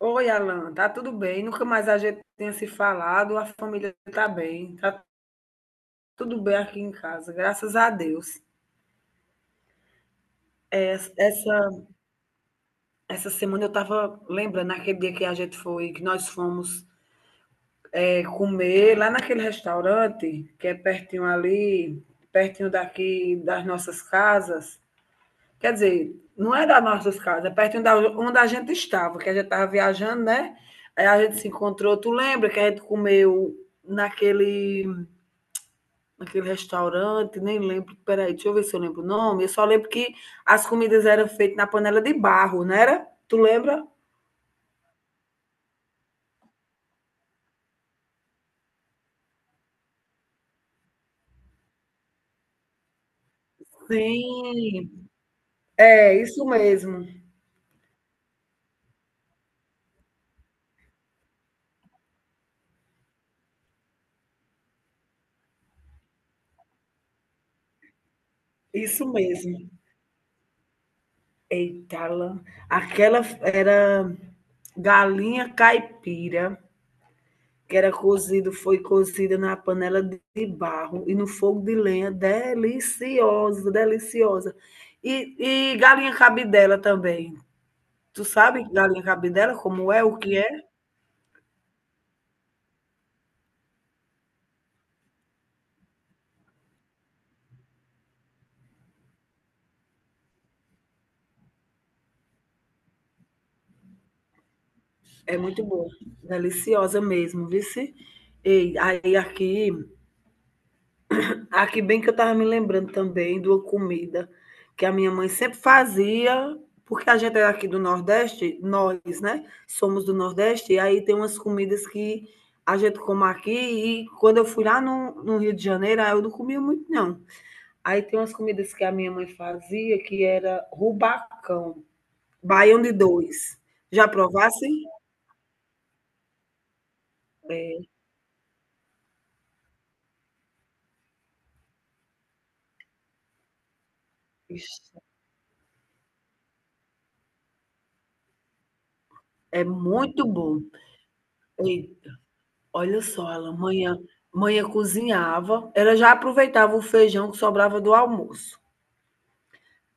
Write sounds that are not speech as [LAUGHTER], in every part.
Oi, Alan, tá tudo bem? Nunca mais a gente tenha se falado, a família tá bem, tá tudo bem aqui em casa, graças a Deus. É. Essa, essa semana eu tava lembrando aquele dia que a gente foi, que nós fomos comer lá naquele restaurante que é pertinho ali, pertinho daqui das nossas casas. Quer dizer, não é das nossas casas, é pertinho da onde a gente estava, que a gente estava viajando, né? Aí a gente se encontrou, tu lembra que a gente comeu naquele naquele restaurante, nem lembro. Peraí, deixa eu ver se eu lembro o nome. Eu só lembro que as comidas eram feitas na panela de barro, não era? Tu lembra? Sim. É, isso mesmo. Isso mesmo. Eita, lã. Aquela era galinha caipira, foi cozida na panela de barro e no fogo de lenha, deliciosa, deliciosa. E galinha cabidela também. Tu sabe galinha cabidela como é, o que é? É muito boa, deliciosa mesmo, vice. E aí aqui, aqui bem que eu estava me lembrando também de uma comida que a minha mãe sempre fazia, porque a gente é aqui do Nordeste, nós, né? Somos do Nordeste, e aí tem umas comidas que a gente come aqui, e quando eu fui lá no Rio de Janeiro, aí eu não comia muito, não. Aí tem umas comidas que a minha mãe fazia, que era rubacão, baião de dois. Já provassem? É, ixi. É muito bom. E olha só, Alan, manhã, manhã cozinhava, ela já aproveitava o feijão que sobrava do almoço.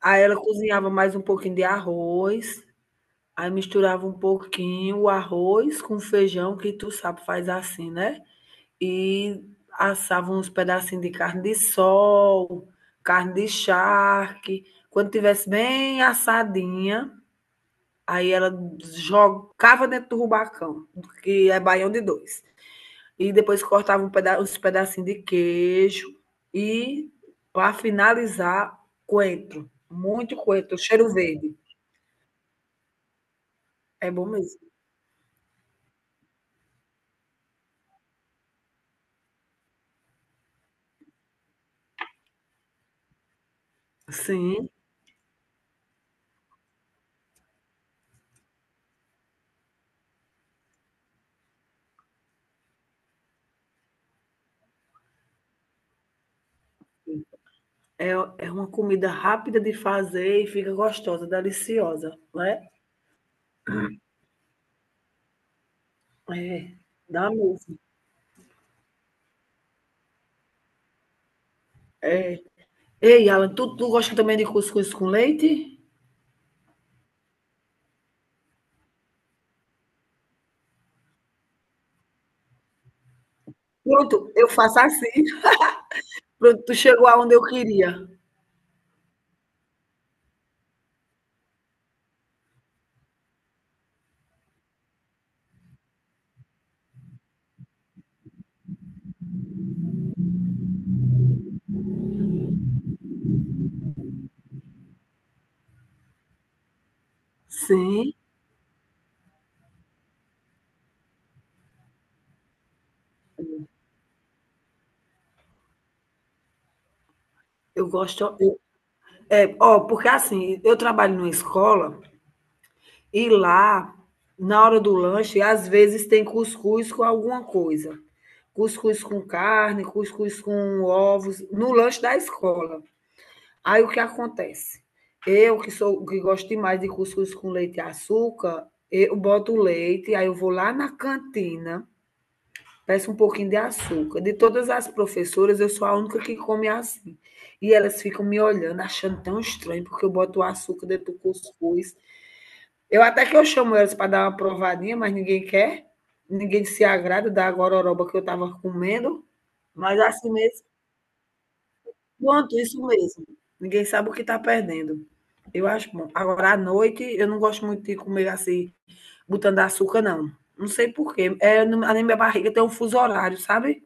Aí ela cozinhava mais um pouquinho de arroz, aí misturava um pouquinho o arroz com feijão, que tu sabe, faz assim, né? E assava uns pedacinhos de carne de sol, carne de charque. Quando tivesse bem assadinha, aí ela jogava dentro do rubacão, que é baião de dois. E depois cortava um peda os pedacinhos de queijo. E para finalizar, coentro. Muito coentro, cheiro verde. É bom mesmo. Sim, é, é uma comida rápida de fazer e fica gostosa, deliciosa, né? É, dá mesmo. É. Ei, Alan, tu gosta também de cuscuz com leite? Pronto, eu faço assim. Pronto, tu chegou aonde eu queria. Sim, eu gosto. É, ó, porque assim, eu trabalho numa escola. E lá, na hora do lanche, às vezes tem cuscuz com alguma coisa. Cuscuz com carne, cuscuz com ovos, no lanche da escola. Aí o que acontece? Eu, que sou que gosto demais de cuscuz com leite e açúcar, eu boto o leite, aí eu vou lá na cantina, peço um pouquinho de açúcar. De todas as professoras, eu sou a única que come assim. E elas ficam me olhando, achando tão estranho, porque eu boto o açúcar dentro do cuscuz. Eu até que eu chamo eles para dar uma provadinha, mas ninguém quer. Ninguém se agrada da gororoba que eu estava comendo. Mas assim mesmo, pronto, isso mesmo. Ninguém sabe o que está perdendo. Eu acho bom. Agora, à noite, eu não gosto muito de comer assim, botando açúcar, não. Não sei por quê. É, na minha barriga tem um fuso horário, sabe?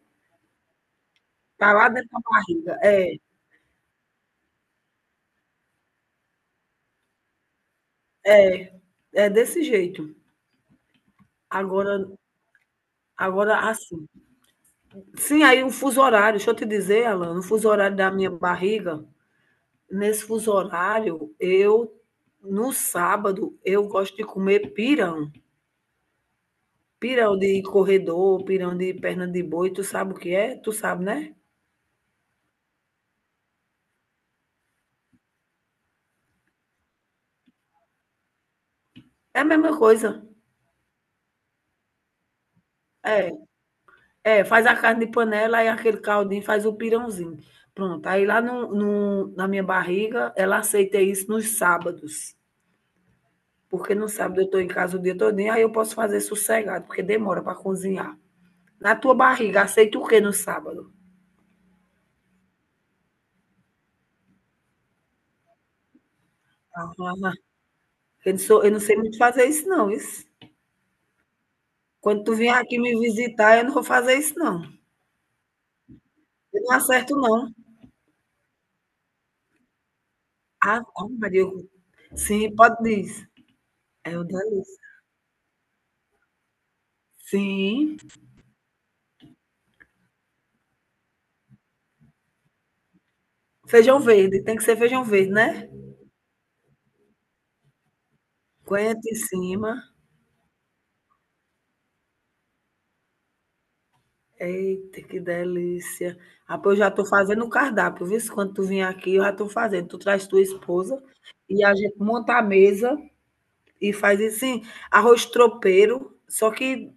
Tá lá dentro da barriga. É, é desse jeito. Agora, agora assim. Sim, aí o fuso horário, deixa eu te dizer, Alan, o fuso horário da minha barriga, nesse fuso horário, eu no sábado eu gosto de comer pirão. Pirão de corredor, pirão de perna de boi, tu sabe o que é? Tu sabe, né? É a mesma coisa. É, é, faz a carne de panela e aquele caldinho faz o pirãozinho. Pronto. Aí lá na minha barriga, ela aceita isso nos sábados. Porque no sábado eu estou em casa o dia todinho, aí eu posso fazer sossegado, porque demora para cozinhar. Na tua barriga, aceita o quê no sábado? [LAUGHS] Eu não sei muito fazer isso, não. Isso. Quando tu vier aqui me visitar, eu não vou fazer isso, não. Eu não acerto, não. Ah, ah, Maria. Sim, pode dizer. É o delícia. Sim. Feijão verde, tem que ser feijão verde, né? Aguenta em cima. Eita, que delícia. Ah, pô, eu já estou fazendo o cardápio, viu? Quando tu vier aqui, eu já estou fazendo. Tu traz tua esposa e a gente monta a mesa e faz assim, arroz tropeiro, só que...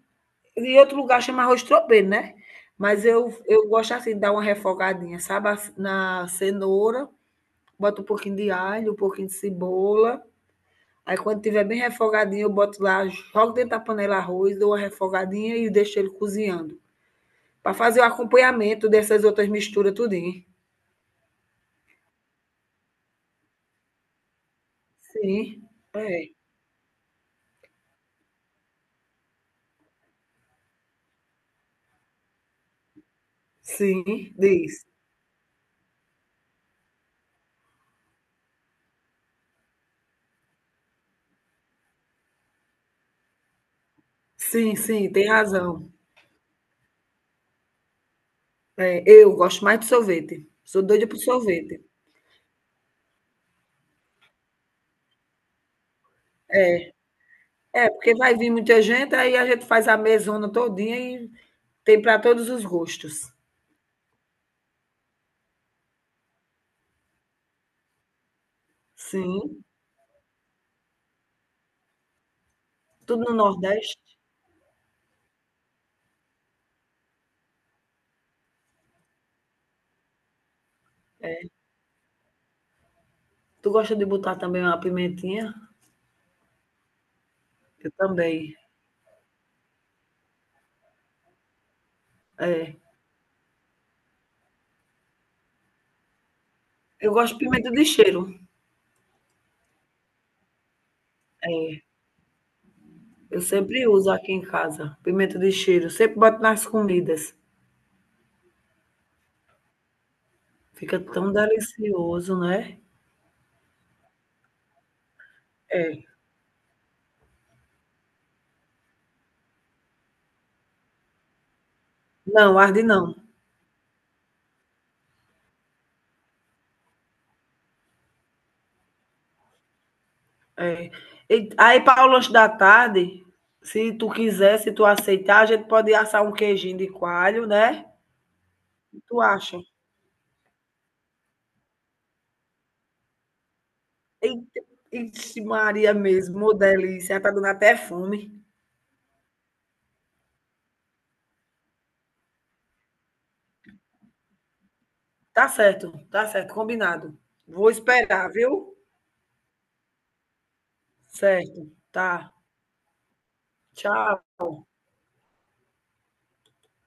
E outro lugar chama arroz tropeiro, né? Mas eu gosto assim, de dar uma refogadinha, sabe? Na cenoura, boto um pouquinho de alho, um pouquinho de cebola. Aí quando tiver bem refogadinho, eu boto lá, jogo dentro da panela arroz, dou uma refogadinha e deixo ele cozinhando. Para fazer o acompanhamento dessas outras misturas tudinho. Sim, é. Sim, diz. Sim, sim, tem razão. É, eu gosto mais de sorvete. Sou doida por sorvete. É, porque vai vir muita gente, aí a gente faz a mesona todinha e tem para todos os gostos. Sim, tudo no Nordeste. Tu gosta de botar também uma pimentinha? Eu também. É. Eu gosto de pimenta de cheiro. É. Eu sempre uso aqui em casa, pimenta de cheiro. Sempre boto nas comidas. Fica tão delicioso, né? É. Não, arde não. É. E aí, para o lanche da tarde, se tu quiser, se tu aceitar, a gente pode assar um queijinho de coalho, né? Tu acha? Eita, ixi, Maria mesmo, ô delícia, tá dando até fome. Tá certo, combinado. Vou esperar, viu? Certo, tá. Tchau.